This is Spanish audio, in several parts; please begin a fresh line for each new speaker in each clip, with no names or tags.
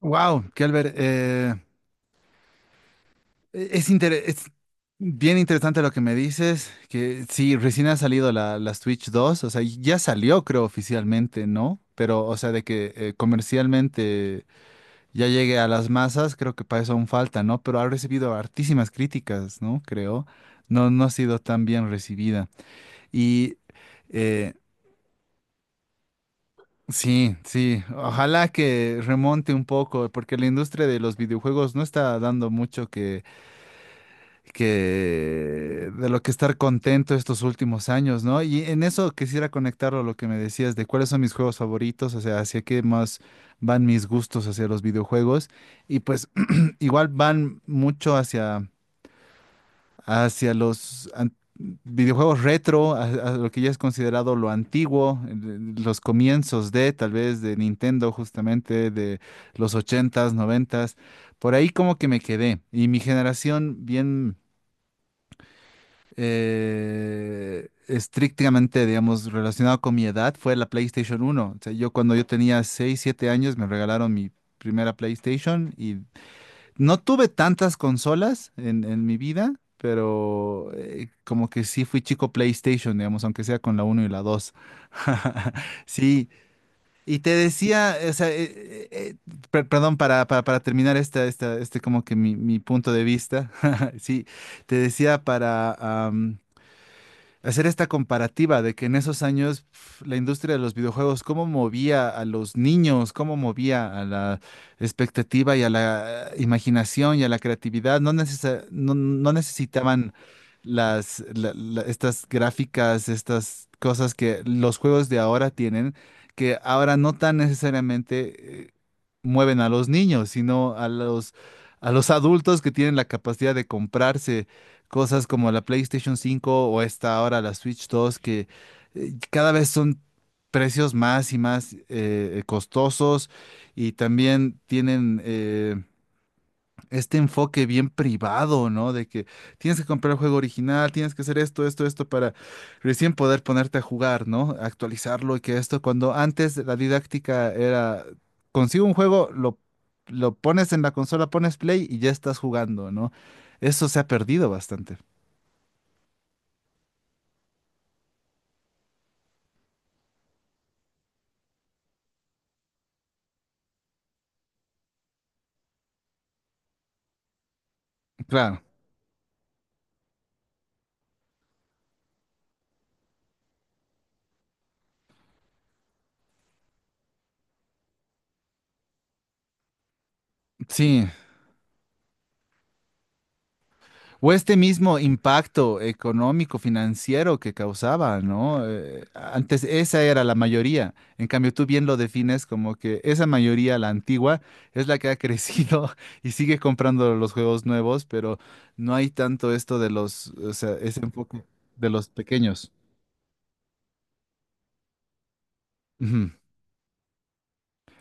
Wow, Kelber, es bien interesante lo que me dices, que sí, recién ha salido la Switch dos. O sea, ya salió creo oficialmente, ¿no? Pero, o sea, de que comercialmente ya llegue a las masas, creo que para eso aún falta, ¿no? Pero ha recibido hartísimas críticas, ¿no? Creo no ha sido tan bien recibida. Y eh, sí, sí, ojalá que remonte un poco, porque la industria de los videojuegos no está dando mucho que de lo que estar contento estos últimos años, ¿no? Y en eso quisiera conectarlo a lo que me decías de cuáles son mis juegos favoritos, o sea, hacia qué más van mis gustos hacia los videojuegos y pues igual van mucho hacia videojuegos retro, a lo que ya es considerado lo antiguo, los comienzos de tal vez de Nintendo justamente de los ochentas noventas. Por ahí como que me quedé, y mi generación bien, estrictamente, digamos, relacionado con mi edad, fue la PlayStation uno. O sea, yo cuando yo tenía 6, 7 años me regalaron mi primera PlayStation y no tuve tantas consolas en mi vida, pero como que sí fui chico PlayStation, digamos, aunque sea con la uno y la 2. Sí. Y te decía, o sea, eh, eh, perdón, para terminar este como que mi punto de vista, sí, te decía para hacer esta comparativa de que en esos años pf, la industria de los videojuegos, cómo movía a los niños, cómo movía a la expectativa y a la imaginación y a la creatividad. No no necesitaban estas gráficas, estas cosas que los juegos de ahora tienen, que ahora no tan necesariamente mueven a los niños, sino a a los adultos que tienen la capacidad de comprarse cosas como la PlayStation 5 o esta ahora la Switch 2, que cada vez son precios más y más costosos, y también tienen este enfoque bien privado, ¿no? De que tienes que comprar el juego original, tienes que hacer esto, esto, esto para recién poder ponerte a jugar, ¿no? Actualizarlo y que esto, cuando antes la didáctica era, consigo un juego, lo pones en la consola, pones play y ya estás jugando, ¿no? Eso se ha perdido bastante. Claro, sí. O este mismo impacto económico, financiero que causaba, ¿no? Antes esa era la mayoría. En cambio, tú bien lo defines como que esa mayoría, la antigua, es la que ha crecido y sigue comprando los juegos nuevos, pero no hay tanto esto de o sea, ese enfoque de los pequeños. Ujú.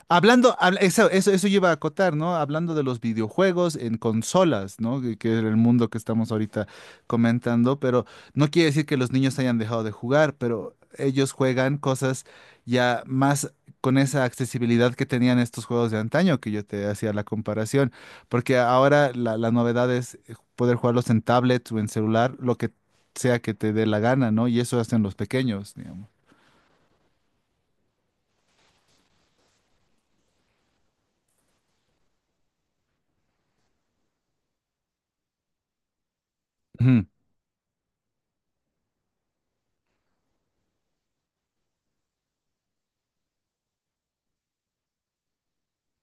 Eso, eso, eso yo a acotar, ¿no? Hablando de los videojuegos en consolas, ¿no? Que es el mundo que estamos ahorita comentando, pero no quiere decir que los niños hayan dejado de jugar, pero ellos juegan cosas ya más con esa accesibilidad que tenían estos juegos de antaño, que yo te hacía la comparación, porque ahora la novedad es poder jugarlos en tablets o en celular, lo que sea que te dé la gana, ¿no? Y eso hacen los pequeños, digamos. Ujú,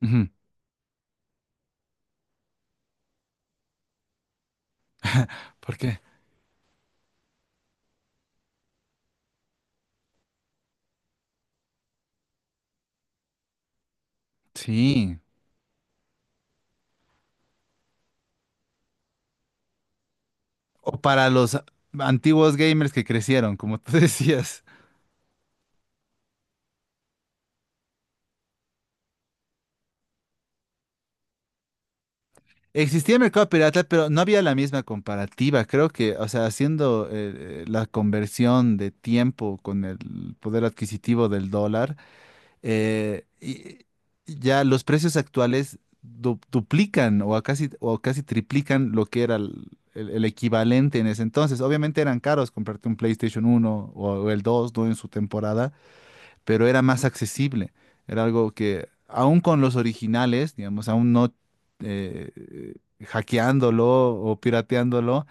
ujú. ¿Por qué? Sí. O para antiguos gamers que crecieron, como tú decías. Existía el mercado pirata, pero no había la misma comparativa. Creo que, o sea, haciendo la conversión de tiempo con el poder adquisitivo del dólar, eh, y- y ya los precios actuales duplican o a casi, o casi triplican lo que era el equivalente en ese entonces. Obviamente eran caros comprarte un PlayStation uno o el 2, ¿no? En su temporada, pero era más accesible. Era algo que, aún con los originales, digamos, aún no, eh, hackeándolo o pirateándolo,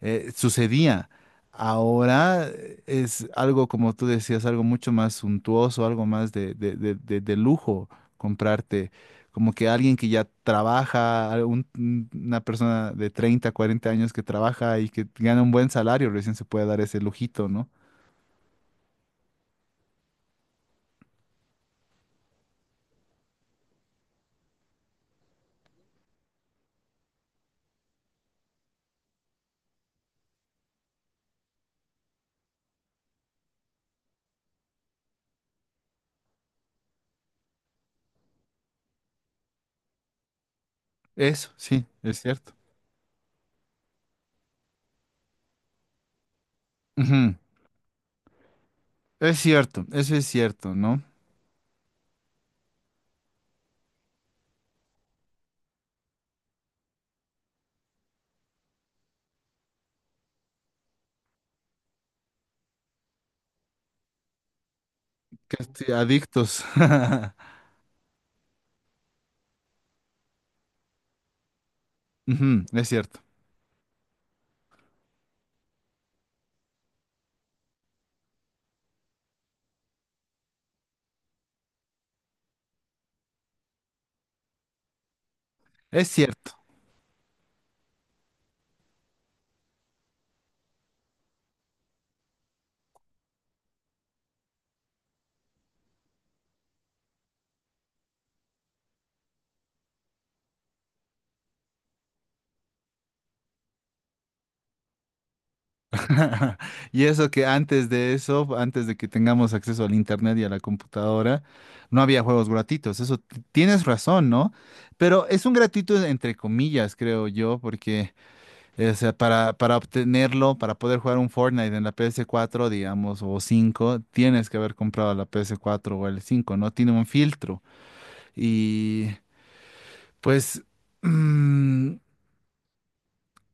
sucedía. Ahora es algo, como tú decías, algo mucho más suntuoso, algo más de lujo comprarte. Como que alguien que ya trabaja, una persona de 30, 40 años que trabaja y que gana un buen salario, recién se puede dar ese lujito, ¿no? Eso, sí, es cierto. Ujú. Es cierto, eso es cierto, ¿no? Adictos. Ujú, es cierto, es cierto. Y eso que antes de eso, antes de que tengamos acceso al internet y a la computadora, no había juegos gratuitos. Eso tienes razón, ¿no? Pero es un gratuito entre comillas, creo yo, porque o sea, para obtenerlo, para poder jugar un Fortnite en la PS4, digamos, o 5, tienes que haber comprado la PS4 o el cinco, ¿no? Tiene un filtro. Y pues, mm,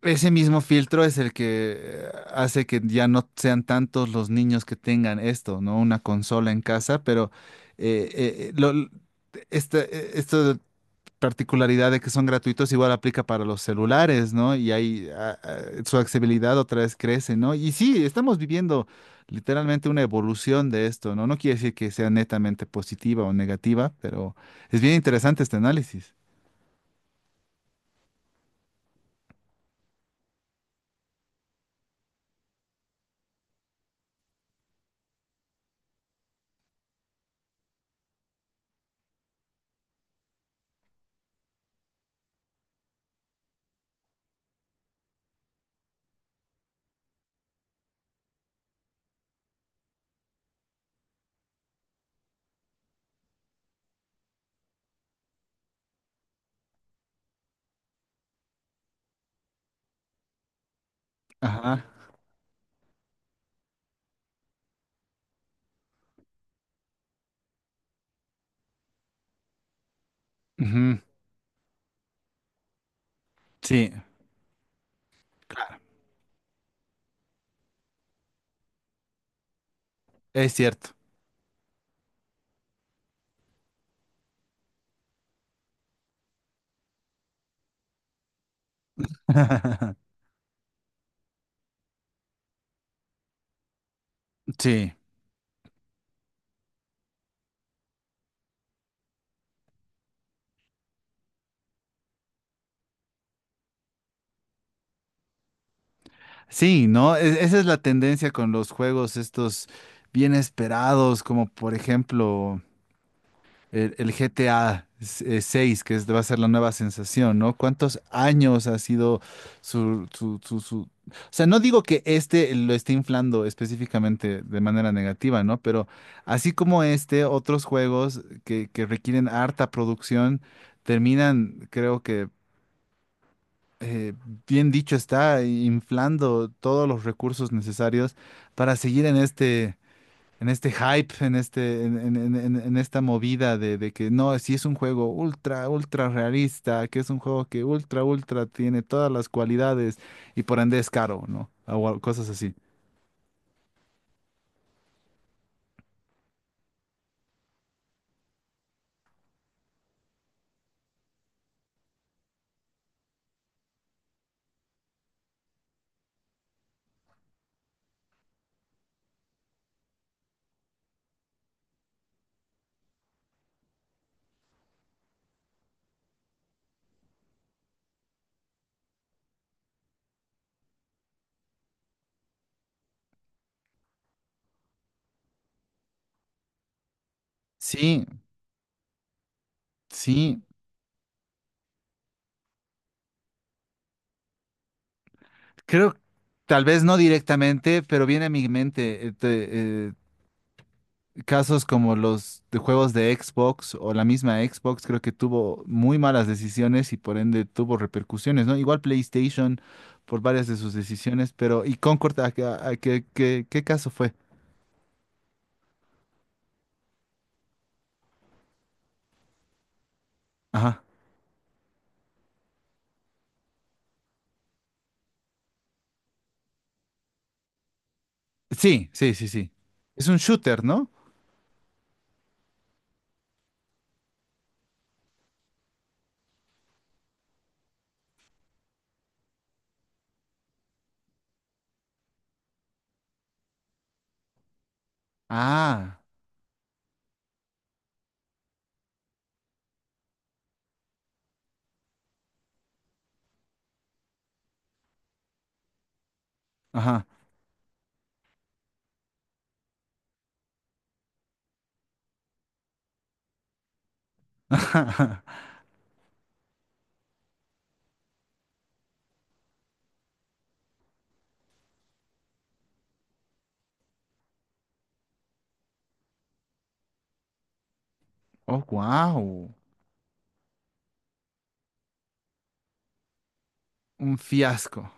ese mismo filtro es el que hace que ya no sean tantos los niños que tengan esto, ¿no? Una consola en casa, pero eh, eh, eh, lo- l- esta particularidad de que son gratuitos igual aplica para los celulares, ¿no? Y ahí ah, ah, su accesibilidad otra vez crece, ¿no? Y sí, estamos viviendo literalmente una evolución de esto, ¿no? No quiere decir que sea netamente positiva o negativa, pero es bien interesante este análisis. Ajá. Ujú. Sí, es cierto. Sí, sí, ¿no? Esa es la tendencia con los juegos estos bien esperados, como por ejemplo el GTA seis, que va a ser la nueva sensación, ¿no? ¿Cuántos años ha sido o sea, no digo que este lo esté inflando específicamente de manera negativa, ¿no? Pero así como este, otros juegos que requieren harta producción terminan, creo que eh, bien dicho, está inflando todos los recursos necesarios para seguir en este hype, en en esta movida de que no, si es un juego ultra, ultra realista, que es un juego que ultra, ultra tiene todas las cualidades y por ende es caro, ¿no? O al- cosas así. Sí, sí, creo, tal vez no directamente, pero viene a mi mente casos como los de juegos de Xbox o la misma Xbox, creo que tuvo muy malas decisiones y por ende tuvo repercusiones, ¿no? Igual PlayStation por varias de sus decisiones, pero ¿y Concord a, qué, qué caso fue? Ajá. Sí, sí, sí, sí. Es un shooter, ¿no? Ah, ajá. Oh, wow. Un fiasco.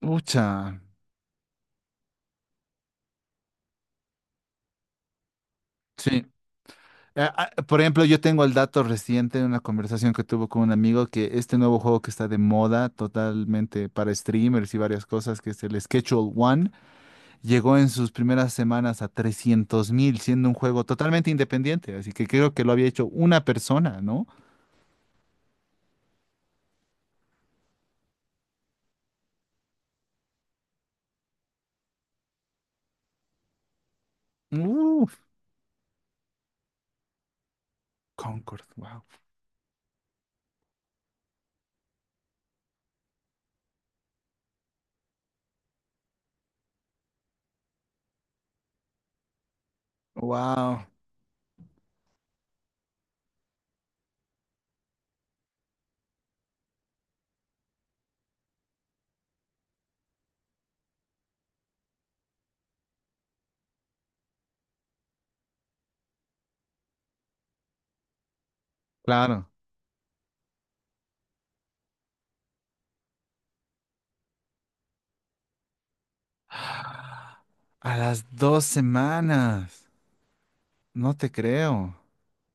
Pucha. Sí. Ah, ah, por ejemplo, yo tengo el dato reciente de una conversación que tuve con un amigo, que este nuevo juego que está de moda totalmente para streamers y varias cosas, que es el Schedule One, llegó en sus primeras semanas a 300.000, siendo un juego totalmente independiente. Así que creo que lo había hecho una persona, ¿no? Uf, Concord, wow. Wow, claro. A las dos semanas. No te creo.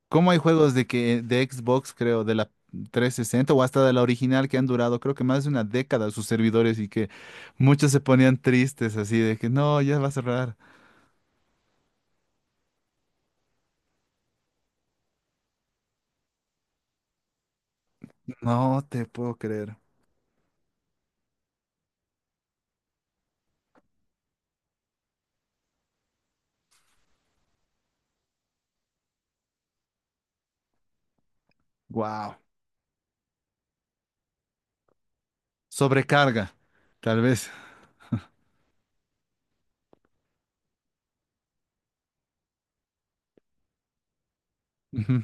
¿Cómo hay juegos de que de Xbox, creo, de la 360, o hasta de la original, que han durado, creo que más de una década, sus servidores, y que muchos se ponían tristes así de que no, ya va a cerrar? No te puedo creer. Wow. Sobrecarga, tal vez. Ujú.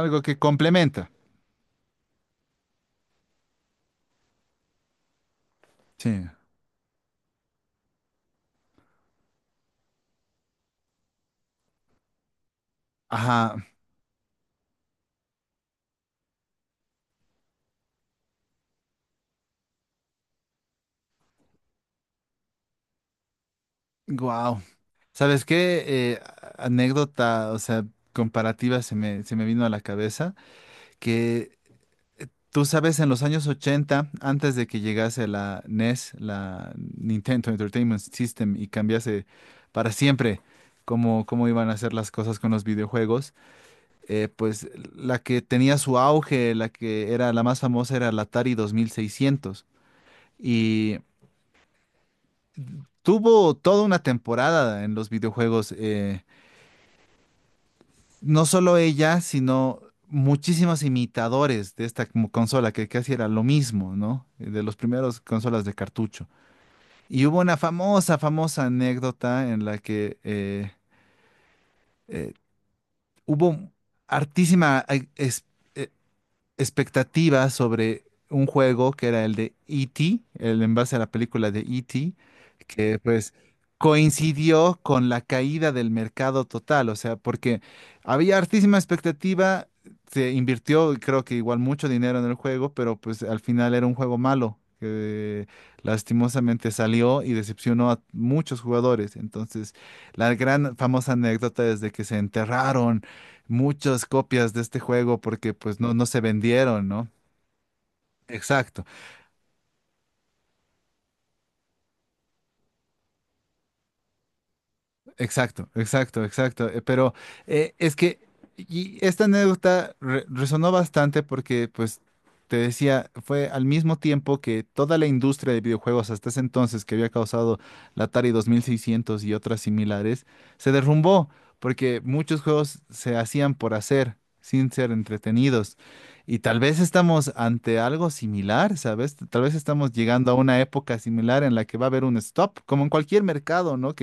Algo que complementa. Sí. Ajá. Wow. ¿Sabes qué? Anécdota, o sea, comparativa, se me vino a la cabeza que tú sabes, en los años 80, antes de que llegase la NES, la Nintendo Entertainment System, y cambiase para siempre cómo, cómo iban a hacer las cosas con los videojuegos, pues la que tenía su auge, la que era la más famosa, era la Atari 2600. Y tuvo toda una temporada en los videojuegos, no solo ella, sino muchísimos imitadores de esta, como consola que casi era lo mismo, ¿no? De los primeros consolas de cartucho. Y hubo una famosa, famosa anécdota en la que eh, hubo hartísima expectativa sobre un juego que era el de E.T., el en base a la película de E.T., que pues coincidió con la caída del mercado total. O sea, porque había hartísima expectativa, se invirtió creo que igual mucho dinero en el juego, pero pues al final era un juego malo, que lastimosamente salió y decepcionó a muchos jugadores. Entonces, la gran famosa anécdota es de que se enterraron muchas copias de este juego porque pues no, no se vendieron, ¿no? Exacto. Exacto, exacto, exacto. Pero es que y esta anécdota resonó bastante porque, pues, te decía, fue al mismo tiempo que toda la industria de videojuegos hasta ese entonces, que había causado la Atari 2600 y otras similares, se derrumbó, porque muchos juegos se hacían por hacer, sin ser entretenidos. Y tal vez estamos ante algo similar, ¿sabes? Tal vez estamos llegando a una época similar en la que va a haber un stop, como en cualquier mercado, ¿no?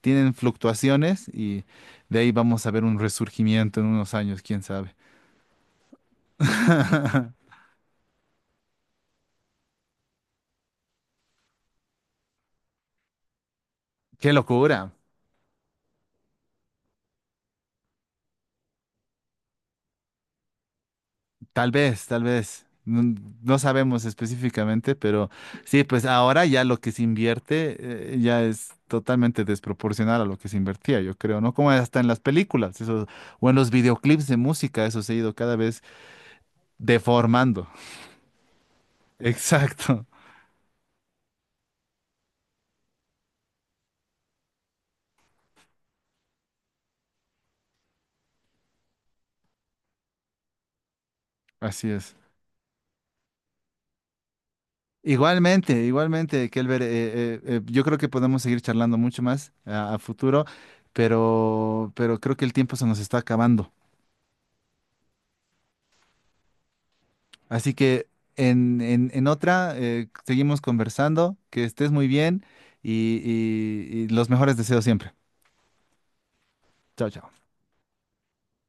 Tienen fluctuaciones, y de ahí vamos a ver un resurgimiento en unos años, quién sabe. Qué locura. Tal vez, tal vez. No, no sabemos específicamente, pero sí, pues ahora ya lo que se invierte, ya es totalmente desproporcional a lo que se invertía, yo creo, ¿no? Como hasta en las películas, eso, o en los videoclips de música, eso se ha ido cada vez deformando. Exacto. Así es. Igualmente, igualmente, Kelber, yo creo que podemos seguir charlando mucho más a futuro, pero creo que el tiempo se nos está acabando. Así que en otra, seguimos conversando, que estés muy bien y los mejores deseos siempre. Chao, chao.